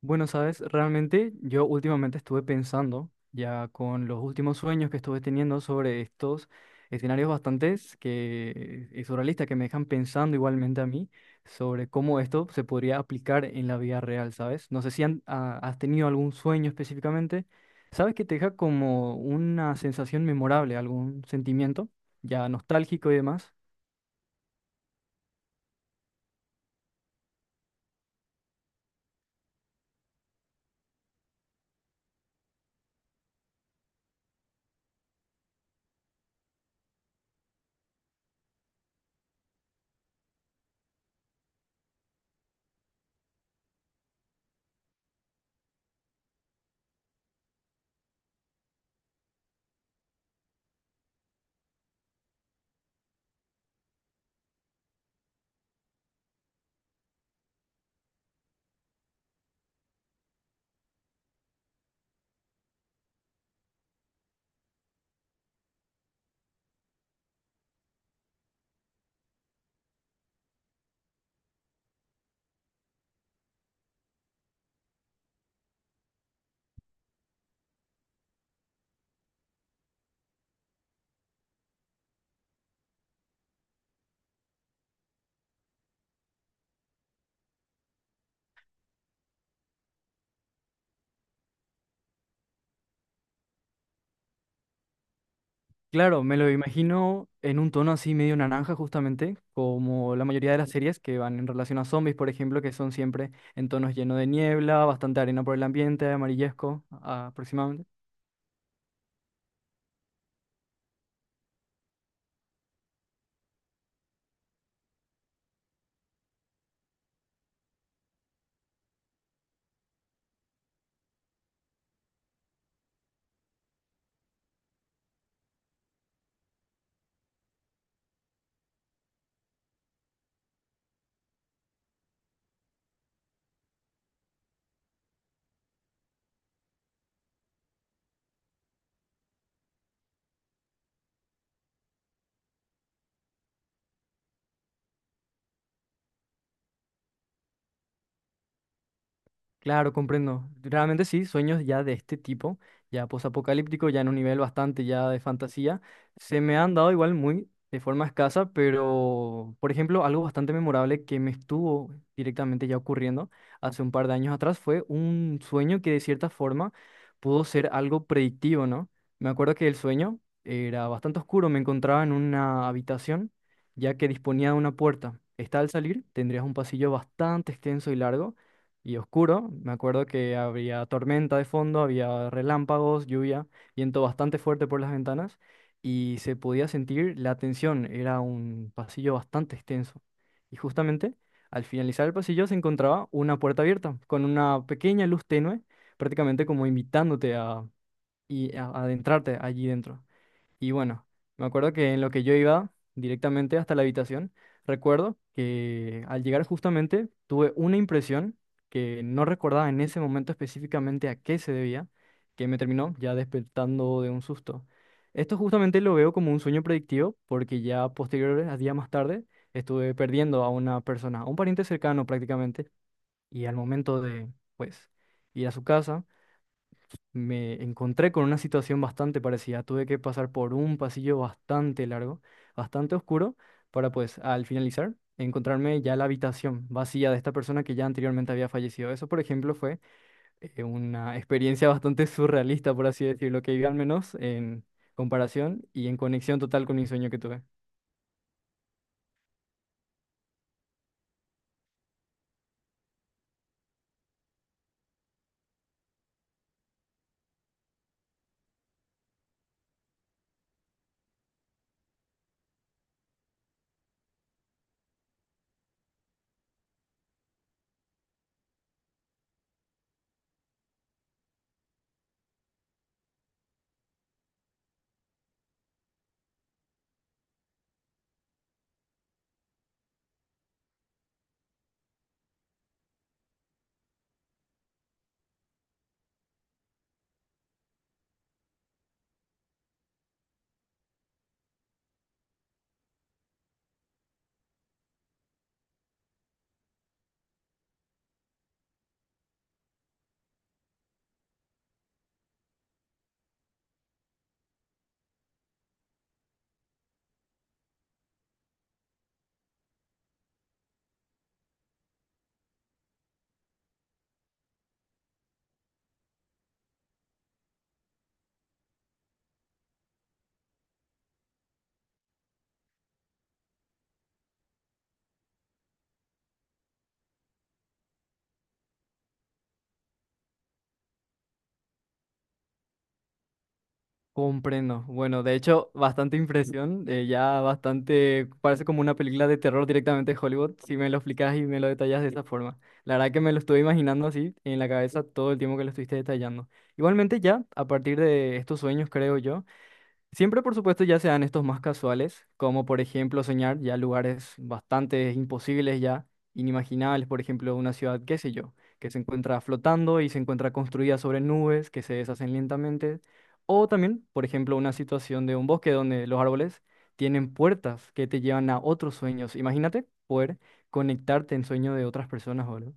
Bueno, sabes, realmente yo últimamente estuve pensando, ya con los últimos sueños que estuve teniendo sobre estos escenarios bastantes que, y surrealistas que me dejan pensando igualmente a mí sobre cómo esto se podría aplicar en la vida real, ¿sabes? No sé si has tenido algún sueño específicamente, ¿sabes? Que te deja como una sensación memorable, algún sentimiento ya nostálgico y demás. Claro, me lo imagino en un tono así medio naranja justamente, como la mayoría de las series que van en relación a zombies, por ejemplo, que son siempre en tonos llenos de niebla, bastante arena por el ambiente, amarillesco, ah, aproximadamente. Claro, comprendo. Realmente sí, sueños ya de este tipo, ya posapocalíptico, ya en un nivel bastante ya de fantasía, se me han dado igual muy de forma escasa, pero por ejemplo, algo bastante memorable que me estuvo directamente ya ocurriendo hace un par de años atrás fue un sueño que de cierta forma pudo ser algo predictivo, ¿no? Me acuerdo que el sueño era bastante oscuro, me encontraba en una habitación ya que disponía de una puerta. Está al salir, tendrías un pasillo bastante extenso y largo y oscuro. Me acuerdo que había tormenta de fondo, había relámpagos, lluvia, viento bastante fuerte por las ventanas y se podía sentir la tensión. Era un pasillo bastante extenso. Y justamente al finalizar el pasillo se encontraba una puerta abierta con una pequeña luz tenue, prácticamente como invitándote a, a adentrarte allí dentro. Y bueno, me acuerdo que en lo que yo iba directamente hasta la habitación, recuerdo que al llegar justamente tuve una impresión que no recordaba en ese momento específicamente a qué se debía, que me terminó ya despertando de un susto. Esto justamente lo veo como un sueño predictivo porque ya posteriores, a días más tarde, estuve perdiendo a una persona, a un pariente cercano prácticamente, y al momento de, pues, ir a su casa me encontré con una situación bastante parecida. Tuve que pasar por un pasillo bastante largo, bastante oscuro, para pues al finalizar encontrarme ya la habitación vacía de esta persona que ya anteriormente había fallecido. Eso, por ejemplo, fue una experiencia bastante surrealista, por así decirlo, que viví al menos en comparación y en conexión total con mi sueño que tuve. Comprendo. Bueno, de hecho, bastante impresión, ya bastante, parece como una película de terror directamente de Hollywood, si me lo explicas y me lo detallas de esa forma. La verdad que me lo estuve imaginando así en la cabeza todo el tiempo que lo estuviste detallando. Igualmente ya, a partir de estos sueños, creo yo, siempre, por supuesto, ya sean estos más casuales, como por ejemplo soñar ya lugares bastante imposibles, ya inimaginables, por ejemplo, una ciudad, qué sé yo, que se encuentra flotando y se encuentra construida sobre nubes que se deshacen lentamente, o también, por ejemplo, una situación de un bosque donde los árboles tienen puertas que te llevan a otros sueños. Imagínate poder conectarte en sueño de otras personas, ¿verdad?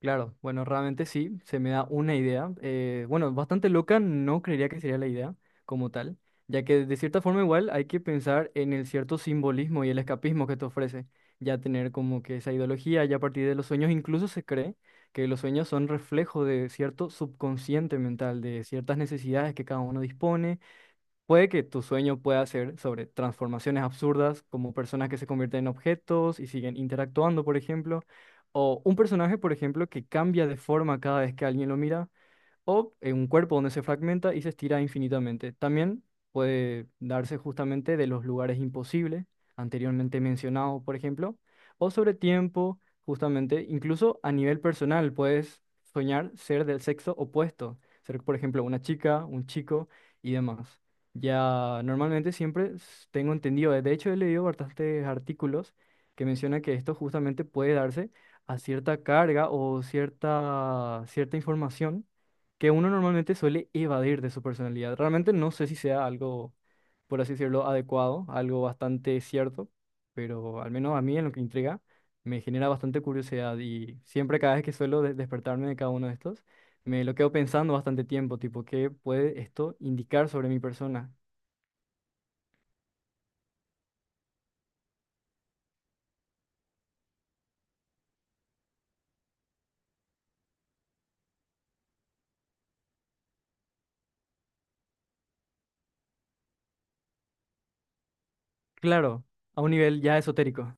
Claro, bueno, realmente sí, se me da una idea. Bueno, bastante loca, no creería que sería la idea como tal, ya que de cierta forma igual hay que pensar en el cierto simbolismo y el escapismo que te ofrece, ya tener como que esa ideología, ya a partir de los sueños incluso se cree que los sueños son reflejo de cierto subconsciente mental, de ciertas necesidades que cada uno dispone. Puede que tu sueño pueda ser sobre transformaciones absurdas, como personas que se convierten en objetos y siguen interactuando, por ejemplo, o un personaje, por ejemplo, que cambia de forma cada vez que alguien lo mira o en un cuerpo donde se fragmenta y se estira infinitamente. También puede darse justamente de los lugares imposibles, anteriormente mencionados, por ejemplo, o sobre tiempo, justamente, incluso a nivel personal, puedes soñar ser del sexo opuesto, ser, por ejemplo, una chica, un chico y demás. Ya normalmente tengo entendido, de hecho he leído bastantes artículos que mencionan que esto justamente puede darse a cierta carga o cierta información que uno normalmente suele evadir de su personalidad. Realmente no sé si sea algo, por así decirlo, adecuado, algo bastante cierto, pero al menos a mí en lo que intriga me genera bastante curiosidad y siempre cada vez que suelo despertarme de cada uno de estos, me lo quedo pensando bastante tiempo, tipo, ¿qué puede esto indicar sobre mi persona? Claro, a un nivel ya esotérico.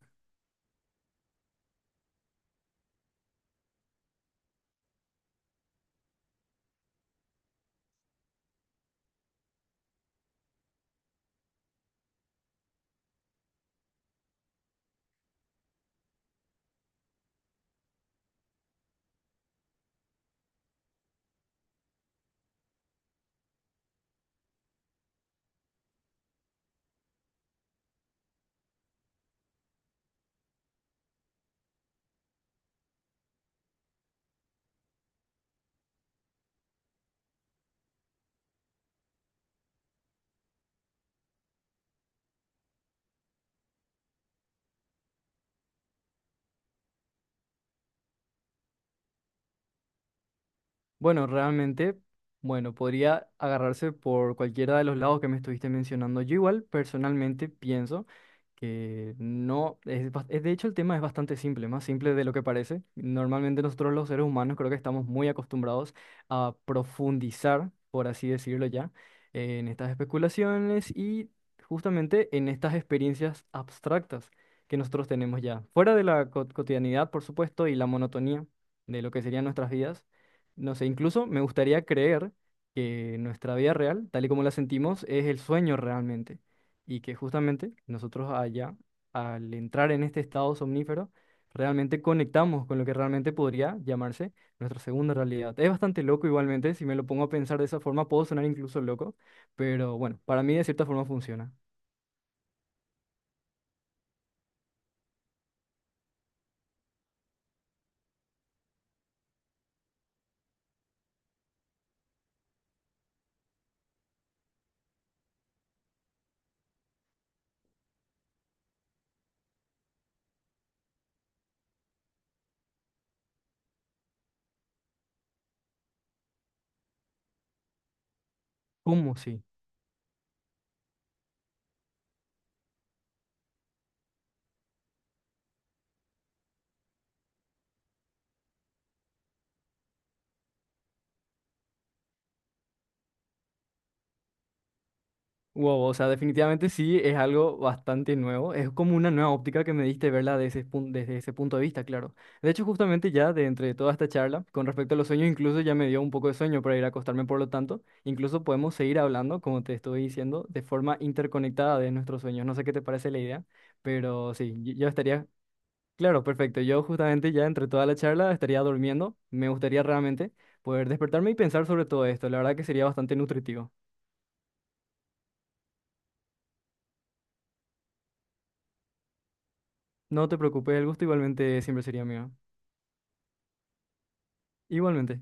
Bueno, realmente... Bueno, podría agarrarse por cualquiera de los lados que me estuviste mencionando. Yo igual personalmente pienso que no, de hecho el tema es bastante simple, más simple de lo que parece. Normalmente nosotros los seres humanos creo que estamos muy acostumbrados a profundizar, por así decirlo ya, en estas especulaciones y justamente en estas experiencias abstractas que nosotros tenemos ya, fuera de la cotidianidad, por supuesto, y la monotonía de lo que serían nuestras vidas. No sé, incluso me gustaría creer que nuestra vida real, tal y como la sentimos, es el sueño realmente y que justamente nosotros allá, al entrar en este estado somnífero, realmente conectamos con lo que realmente podría llamarse nuestra segunda realidad. Es bastante loco igualmente, si me lo pongo a pensar de esa forma, puedo sonar incluso loco, pero bueno, para mí de cierta forma funciona. ¿Cómo sí? Wow, o sea, definitivamente sí, es algo bastante nuevo. Es como una nueva óptica que me diste verla desde desde ese punto de vista, claro. De hecho, justamente ya de entre toda esta charla, con respecto a los sueños, incluso ya me dio un poco de sueño para ir a acostarme, por lo tanto, incluso podemos seguir hablando, como te estoy diciendo, de forma interconectada de nuestros sueños. No sé qué te parece la idea, pero sí, yo estaría, claro, perfecto. Yo justamente ya entre toda la charla estaría durmiendo. Me gustaría realmente poder despertarme y pensar sobre todo esto. La verdad que sería bastante nutritivo. No te preocupes, el gusto igualmente siempre sería mío. Igualmente.